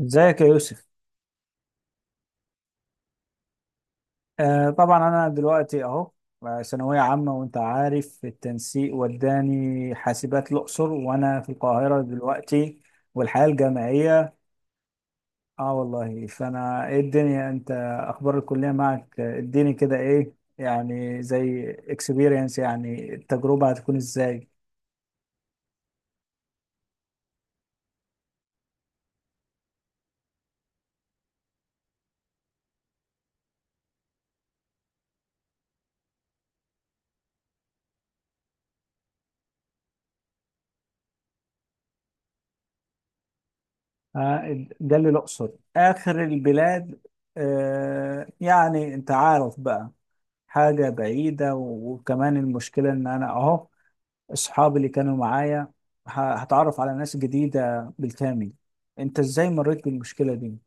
ازيك يا يوسف؟ آه طبعا انا دلوقتي اهو، ثانويه عامه وانت عارف التنسيق وداني حاسبات الاقصر وانا في القاهره دلوقتي والحياه الجامعيه. اه والله. فانا ايه الدنيا انت؟ اخبار الكليه معك. اديني كده ايه، يعني زي اكسبيرينس، يعني التجربه هتكون ازاي؟ آه جالي الاقصر، اخر البلاد. آه يعني انت عارف بقى، حاجه بعيده، وكمان المشكله ان انا اهو، اصحابي اللي كانوا معايا، هتعرف على ناس جديدة بالكامل. انت ازاي مريت بالمشكلة دي؟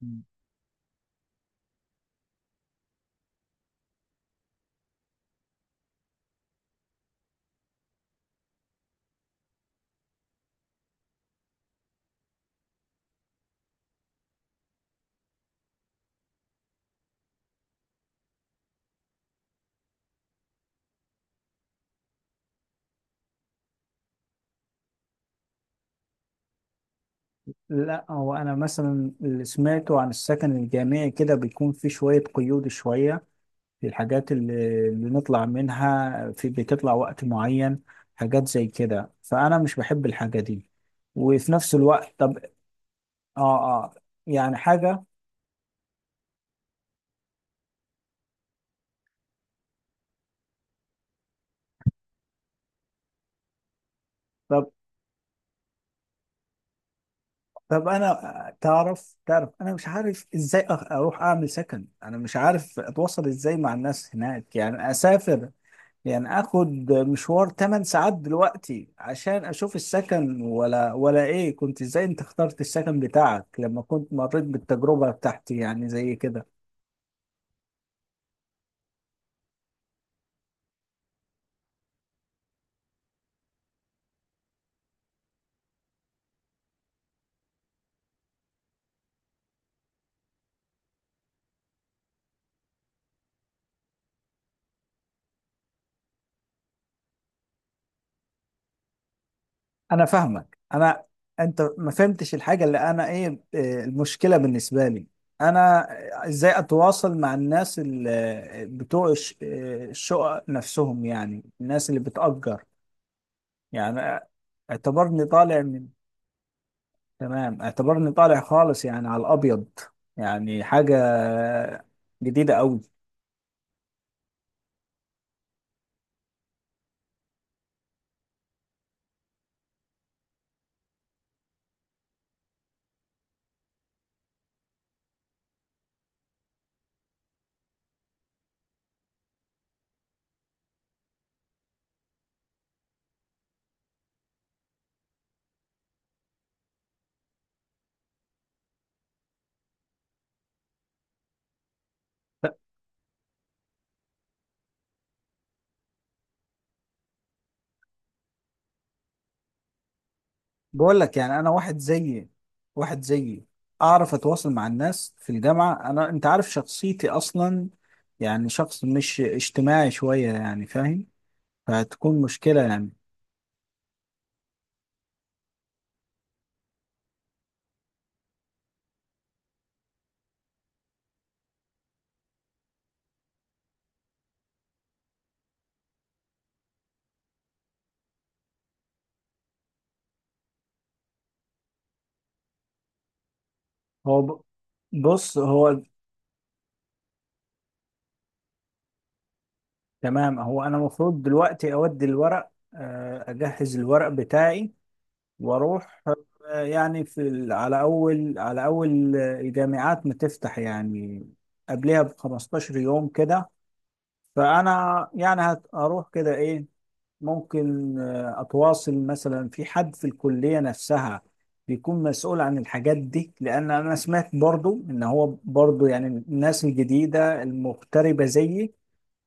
مم. لا هو انا مثلا اللي سمعته عن السكن الجامعي كده بيكون في شوية قيود، شوية في الحاجات اللي نطلع منها، في بتطلع وقت معين، حاجات زي كده، فانا مش بحب الحاجة دي. وفي نفس الوقت طب. اه. اه. يعني حاجة. طب. طب انا تعرف انا مش عارف ازاي اروح اعمل سكن. انا مش عارف اتواصل ازاي مع الناس هناك. يعني اسافر، يعني اخد مشوار 8 ساعات دلوقتي عشان اشوف السكن، ولا ايه؟ كنت ازاي، انت اخترت السكن بتاعك لما كنت مريت بالتجربة بتاعتي يعني زي كده؟ انا فاهمك. انا انت ما فهمتش الحاجه اللي انا ايه. المشكله بالنسبه لي، انا ازاي اتواصل مع الناس اللي بتوع الشقق نفسهم، يعني الناس اللي بتأجر، يعني اعتبرني طالع من، تمام اعتبرني طالع خالص يعني على الابيض، يعني حاجه جديده قوي. بقول لك يعني انا واحد زيي اعرف اتواصل مع الناس في الجامعه؟ انا انت عارف شخصيتي اصلا، يعني شخص مش اجتماعي شويه، يعني فاهم، فهتكون مشكله يعني. هو ب- بص هو، تمام. هو انا المفروض دلوقتي اودي الورق، اجهز الورق بتاعي واروح. يعني على اول الجامعات ما تفتح، يعني قبلها ب 15 يوم كده. فانا يعني هروح كده ايه، ممكن اتواصل مثلا في حد في الكلية نفسها بيكون مسؤول عن الحاجات دي. لان انا سمعت برضو ان هو برضو، يعني الناس الجديدة المغتربة زيي،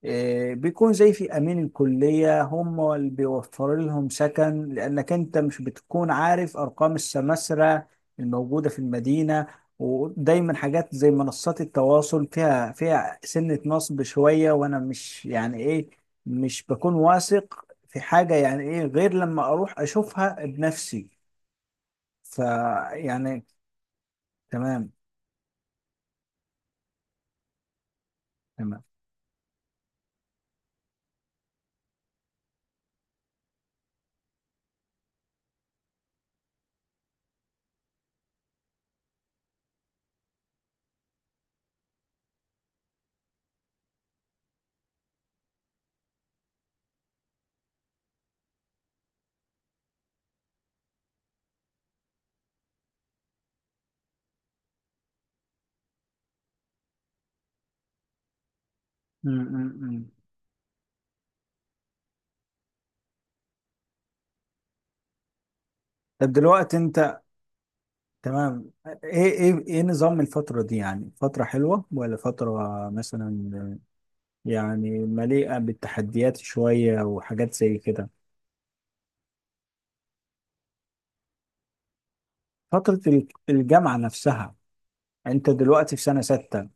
بيكون زي في امين الكليه هم اللي بيوفروا لهم سكن، لانك انت مش بتكون عارف ارقام السماسره الموجوده في المدينه. ودايما حاجات زي منصات التواصل فيها سنه نصب شويه، وانا مش يعني ايه، مش بكون واثق في حاجه يعني ايه غير لما اروح اشوفها بنفسي. فيعني تمام. تمام. م- م- م. طب دلوقتي انت، تمام، ايه نظام الفترة دي، يعني فترة حلوة، ولا فترة مثلا يعني مليئة بالتحديات شوية وحاجات زي كده؟ فترة الجامعة نفسها، انت دلوقتي في سنة ستة.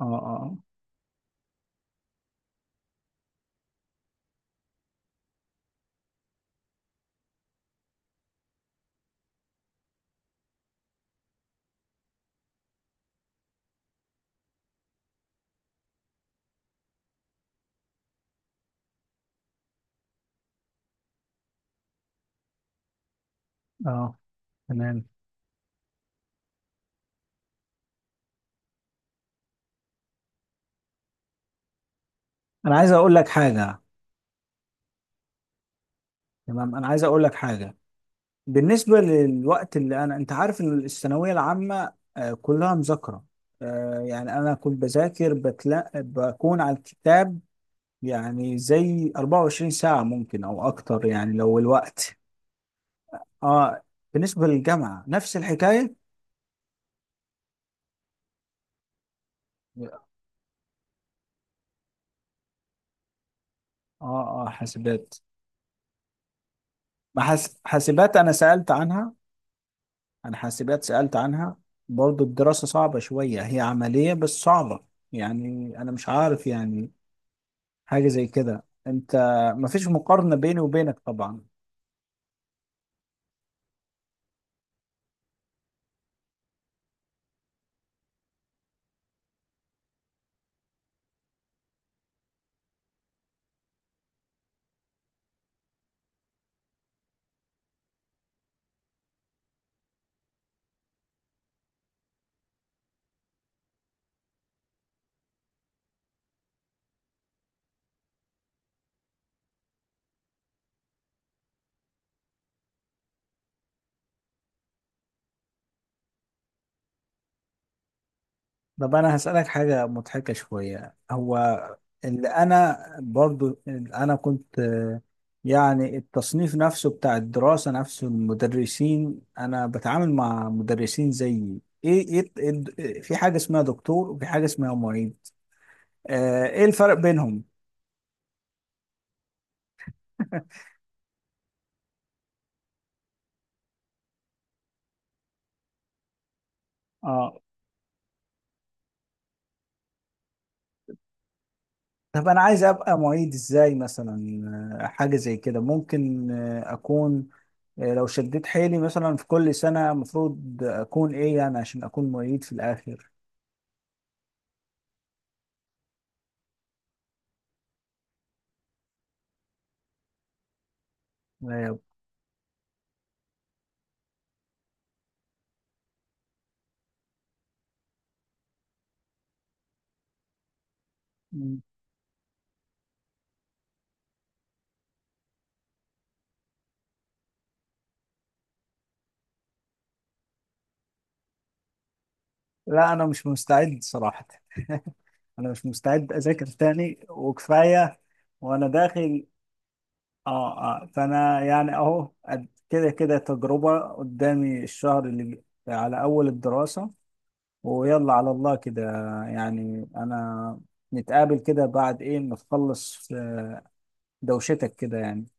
اه. اه. اه. تمام. انا عايز اقول لك حاجة تمام انا عايز اقول لك حاجة. بالنسبة للوقت اللي انا، انت عارف إن الثانوية العامة كلها مذاكرة. يعني انا كنت بذاكر بكون على الكتاب يعني زي 24 ساعة ممكن أو أكتر يعني لو الوقت. آه. بالنسبة للجامعة نفس الحكاية. آه آه حاسبات. ما حاس... حاسبات، أنا سألت عنها. أنا حاسبات سألت عنها، برضو الدراسة صعبة شوية، هي عملية بس صعبة. يعني أنا مش عارف، يعني حاجة زي كده. أنت، ما فيش مقارنة بيني وبينك طبعا. طب انا هسألك حاجة مضحكة شوية. هو اللي انا برضو اللي انا كنت آه، يعني التصنيف نفسه بتاع الدراسة نفسه، المدرسين انا بتعامل مع مدرسين زيي ايه، في حاجة اسمها دكتور وفي حاجة اسمها معيد. ايه الفرق بينهم؟ اه، طب انا عايز ابقى معيد ازاي مثلا؟ حاجه زي كده ممكن آه، اكون آه، لو شديت حيلي مثلا، في كل سنه المفروض اكون ايه يعني عشان اكون معيد في الاخر؟ أيوة. لا انا مش مستعد صراحة. انا مش مستعد اذاكر تاني وكفاية. وانا داخل، اه اه، فانا يعني اهو كده كده تجربة قدامي الشهر على اول الدراسة، ويلا على الله كده. يعني انا نتقابل كده بعد ايه ما تخلص؟ دوشتك كده يعني.